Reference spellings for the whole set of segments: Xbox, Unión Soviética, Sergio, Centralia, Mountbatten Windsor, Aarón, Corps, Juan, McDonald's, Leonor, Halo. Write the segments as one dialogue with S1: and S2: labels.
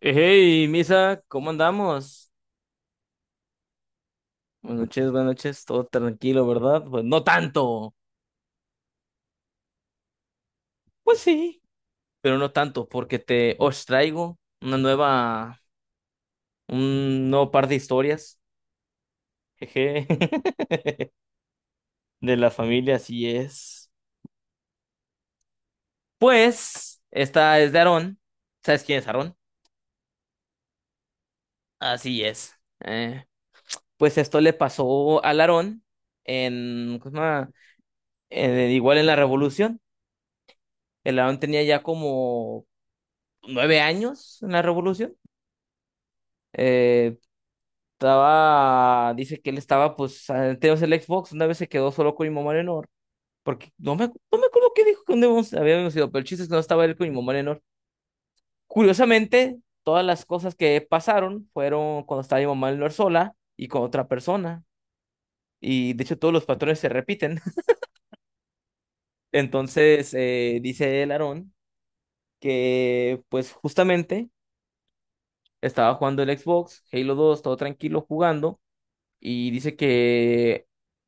S1: Hey, Misa, ¿cómo andamos? Buenas noches, todo tranquilo, ¿verdad? Pues no tanto, pues sí, pero no tanto, porque te os traigo un nuevo par de historias, jeje, de la familia, así es. Pues, esta es de Aarón, ¿sabes quién es Aarón? Así es. Eh, pues esto le pasó al Aarón en, ¿cómo se llama? Igual en la Revolución. El Aarón tenía ya como 9 años en la revolución. Eh, Dice que él estaba, pues, antes el Xbox, una vez se quedó solo con mi mamá Leonor, porque no me acuerdo qué dijo cuando habíamos ido, pero el chiste es que no estaba él con mi mamá Leonor. Curiosamente, todas las cosas que pasaron fueron cuando estaba mi mamá Leonor sola y con otra persona, y de hecho todos los patrones se repiten. Entonces, dice el Aarón que, pues, justamente estaba jugando el Xbox, Halo 2 todo tranquilo jugando y dice que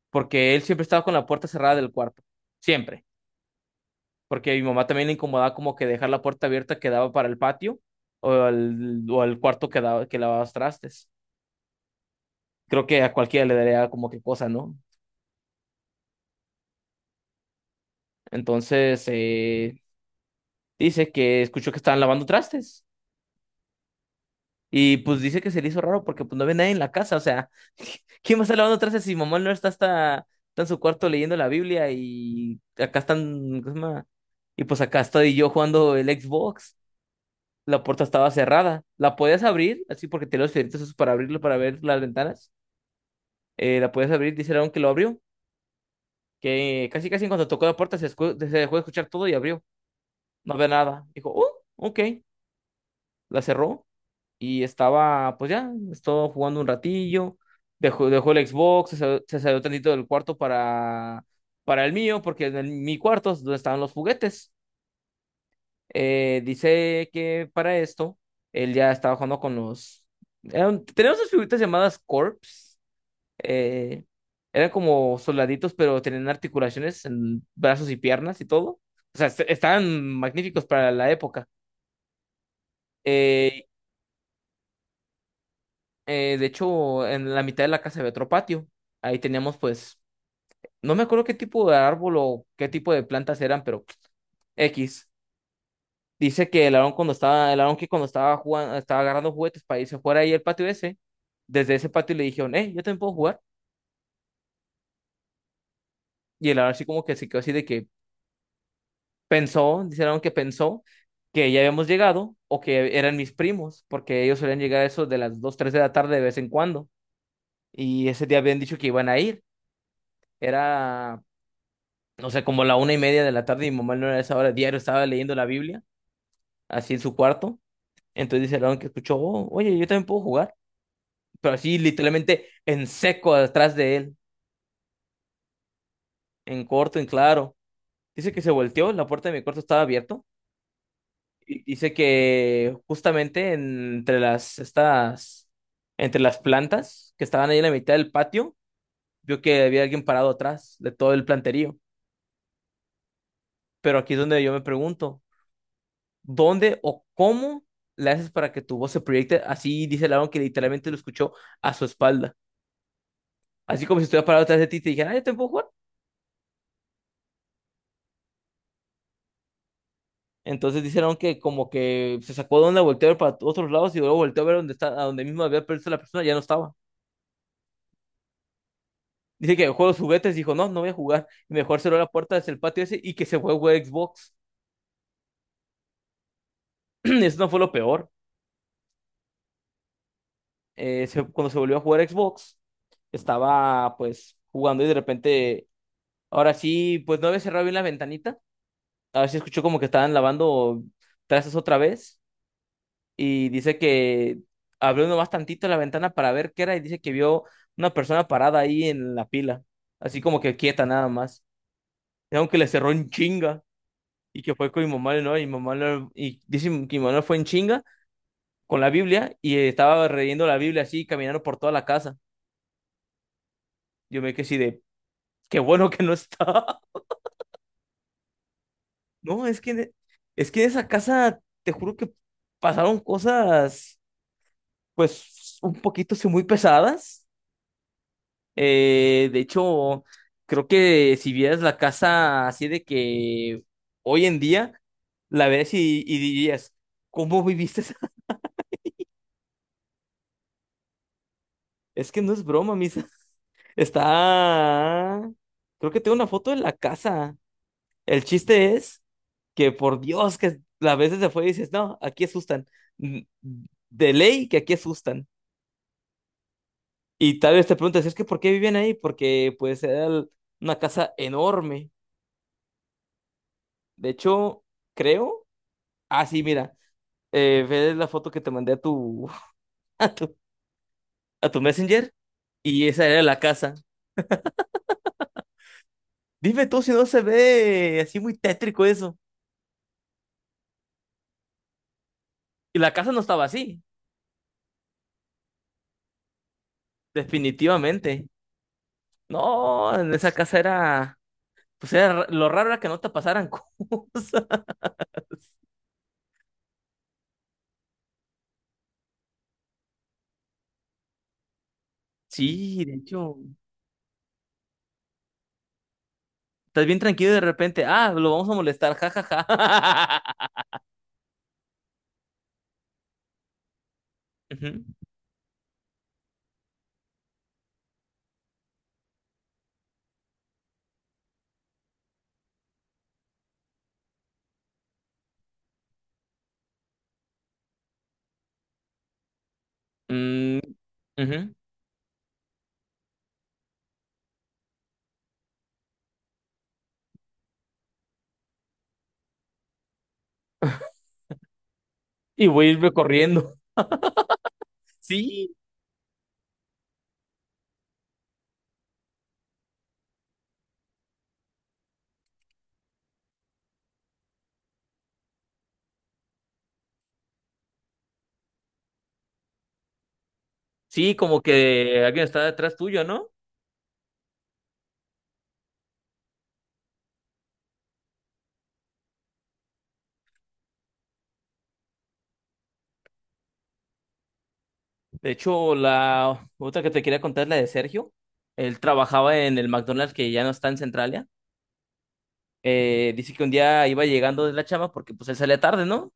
S1: porque él siempre estaba con la puerta cerrada del cuarto, siempre, porque mi mamá también le incomodaba como que dejar la puerta abierta que daba para el patio o al cuarto que daba, que lavabas trastes. Creo que a cualquiera le daría como que cosa, ¿no? Entonces, dice que escuchó que estaban lavando trastes. Y pues dice que se le hizo raro porque pues no ve nadie en la casa, o sea, ¿quién va a estar lavando trastes si mamá no está, está en su cuarto leyendo la Biblia y acá están, ¿cómo se llama? Y pues acá estoy yo jugando el Xbox, la puerta estaba cerrada, la podías abrir, así porque tenía los fierritos esos para abrirlo, para ver las ventanas, la podías abrir, dice Aaron que lo abrió, que casi casi en cuanto tocó la puerta se dejó de escuchar todo y abrió, no ve nada, dijo, oh, ok, la cerró. Y estaba, pues ya, estuvo jugando un ratillo, dejó el Xbox, se salió tantito del cuarto para el mío, porque mi cuarto es donde estaban los juguetes. Dice que para esto, él ya estaba jugando teníamos unas figuritas llamadas Corps. eh, eran como soldaditos, pero tenían articulaciones en brazos y piernas y todo. O sea, estaban magníficos para la época. Eh, de hecho, en la mitad de la casa había otro patio. Ahí teníamos, pues, no me acuerdo qué tipo de árbol o qué tipo de plantas eran, pero X. Dice que el Aarón que cuando estaba jugando, estaba agarrando juguetes para irse a jugar ahí al patio ese, desde ese patio le dijeron, yo también puedo jugar. Y el Aarón así como que se quedó así de que pensó, dice el Aarón que pensó que ya habíamos llegado o que eran mis primos, porque ellos solían llegar a eso de las 2 3 de la tarde de vez en cuando. Y ese día habían dicho que iban a ir. Era o sea, como la 1:30 de la tarde, y mi mamá no era a esa hora, diario estaba leyendo la Biblia, así en su cuarto. Entonces dice Aaron que escuchó, "Oh, oye, yo también puedo jugar." Pero así literalmente en seco atrás de él, en corto, en claro. Dice que se volteó, la puerta de mi cuarto estaba abierto. Y dice que justamente entre las plantas que estaban ahí en la mitad del patio, vio que había alguien parado atrás de todo el planterío. Pero aquí es donde yo me pregunto, dónde o cómo le haces para que tu voz se proyecte. Así dice Laron que literalmente lo escuchó a su espalda. Así como si estuviera parado atrás de ti y te dijera, ay, ¿te puedo jugar? Entonces dice Laron que como que se sacó de onda, volteó a ver para otros lados y luego volteó a ver dónde está, a donde mismo había perdido la persona, ya no estaba. Dice que jugó los juguetes, dijo, no, no voy a jugar. Y mejor cerró la puerta hacia el patio ese y que se fue a jugar Xbox. Eso no fue lo peor. Cuando se volvió a jugar Xbox, estaba pues jugando y de repente, ahora sí, pues no había cerrado bien la ventanita a ver si escuchó como que estaban lavando trastes otra vez y dice que abrió nomás tantito la ventana para ver qué era y dice que vio una persona parada ahí en la pila, así como que quieta nada más. Y aunque le cerró en chinga y que fue con mi mamá, ¿no? Y mi mamá y dice que mi mamá fue en chinga con la Biblia y estaba leyendo la Biblia así caminando por toda la casa. Yo me quedé así de, qué bueno que no está. No, es que en esa casa te juro que pasaron cosas pues un poquito sí, muy pesadas. De hecho, creo que si vieras la casa así de que hoy en día, la ves y dirías, ¿cómo viviste esa? Es que no es broma, Misa. Está... Creo que tengo una foto de la casa. El chiste es que, por Dios, que a veces se fue y dices, no, aquí asustan. N- De ley que aquí asustan. Y tal vez te preguntas, es que ¿por qué vivían ahí? Porque pues una casa enorme. De hecho, creo. Ah, sí, mira. Ve la foto que te mandé a a tu, a tu Messenger y esa era la casa. Dime tú si no se ve así muy tétrico eso. Y la casa no estaba así, definitivamente. No, en esa casa era, pues era ra- lo raro era que no te pasaran cosas. Sí, de hecho, estás bien tranquilo y de repente, ah, lo vamos a molestar, jajaja. Ujú. Mm, ujú. Y voy a irme corriendo. Sí, sí, como que alguien está detrás tuyo, ¿no? De hecho, la otra que te quería contar es la de Sergio. Él trabajaba en el McDonald's que ya no está en Centralia. Dice que un día iba llegando de la chama porque pues él salía tarde, ¿no?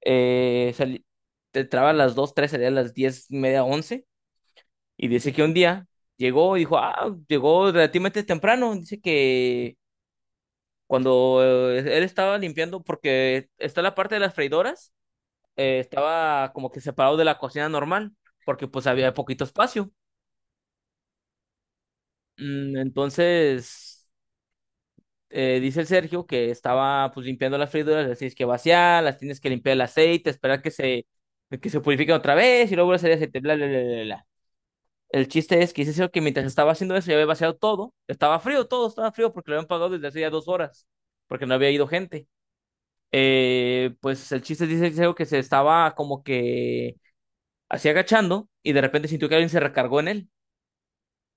S1: Eh, sali- Entraba a las 2 3, salía a las 10 media, once. Y dice que un día llegó y dijo, ah, llegó relativamente temprano. Dice que cuando él estaba limpiando, porque está la parte de las freidoras, estaba como que separado de la cocina normal, porque pues había poquito espacio. Entonces, dice el Sergio que estaba pues limpiando las frídoras, las tienes que vaciar, las tienes que limpiar el aceite, esperar que se purifique otra vez y luego hacer el aceite, bla, bla, bla, bla, bla. El chiste es que dice Sergio que mientras estaba haciendo eso ya había vaciado todo, estaba frío porque lo habían pagado desde hace ya 2 horas, porque no había ido gente. Pues el chiste dice Sergio que se estaba como que así agachando y de repente sintió que alguien se recargó en él.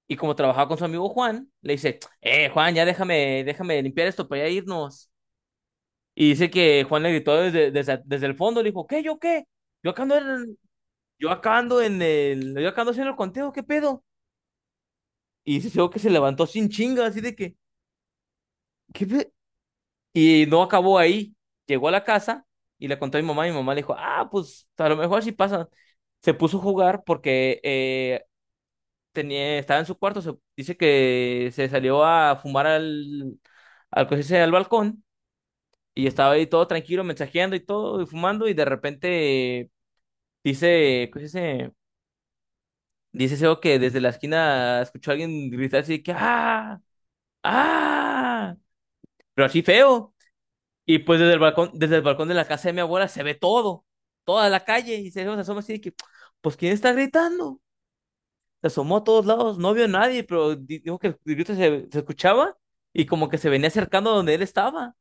S1: Y como trabajaba con su amigo Juan, le dice, Juan, ya déjame limpiar esto para ya irnos. Y dice que Juan le gritó desde el fondo, le dijo, ¿qué, yo qué? Yo acá ando en, yo acá ando haciendo el conteo, ¿qué pedo? Y dice luego que se levantó sin chinga, así de que, ¿qué pe-?". Y no acabó ahí. Llegó a la casa y le contó a mi mamá, y mi mamá le dijo, ah, pues a lo mejor sí pasa. Se puso a jugar porque estaba en su cuarto, dice que se salió a fumar al, ¿cómo se dice? Al balcón y estaba ahí todo tranquilo, mensajeando y todo, y fumando, y de repente dice, ¿cómo se dice? Dice Seo que desde la esquina escuchó a alguien gritar así que ¡ah! ¡Ah! Pero así feo. Y pues desde el balcón de la casa de mi abuela se ve todo, toda la calle, y Seo se asoma así de que, pues ¿quién está gritando? Se asomó a todos lados, no vio a nadie, pero dijo que el grito se escuchaba y como que se venía acercando a donde él estaba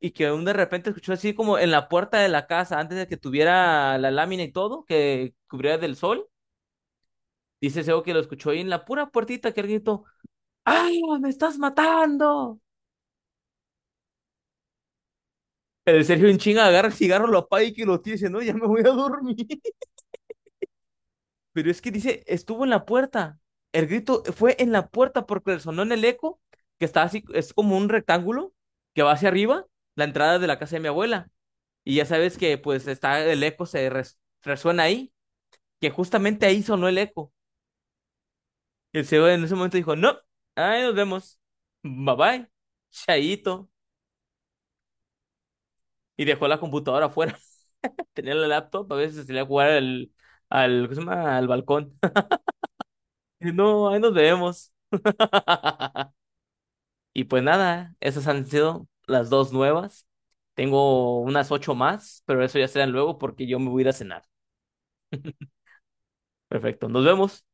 S1: y que aún de repente escuchó así como en la puerta de la casa, antes de que tuviera la lámina y todo, que cubriera del sol, dice Seo que lo escuchó ahí en la pura puertita que él gritó, ¡Ay, no, me estás matando! El Sergio en chinga agarra el cigarro, lo apaga y que lo tira y dice, no, ya me voy a dormir. Pero es que dice, estuvo en la puerta. El grito fue en la puerta porque resonó en el eco, que está así, es como un rectángulo que va hacia arriba, la entrada de la casa de mi abuela. Y ya sabes que pues está el eco, se resuena ahí, que justamente ahí sonó el eco. Y el señor en ese momento dijo, no, ahí nos vemos. Bye bye, chaito. Y dejó la computadora afuera. Tenía la laptop, a veces se salía a jugar al, ¿cómo se llama? Al balcón. Y, no, ahí nos vemos. Y pues nada, esas han sido las dos nuevas. Tengo unas ocho más, pero eso ya serán luego porque yo me voy a ir a cenar. Perfecto, nos vemos.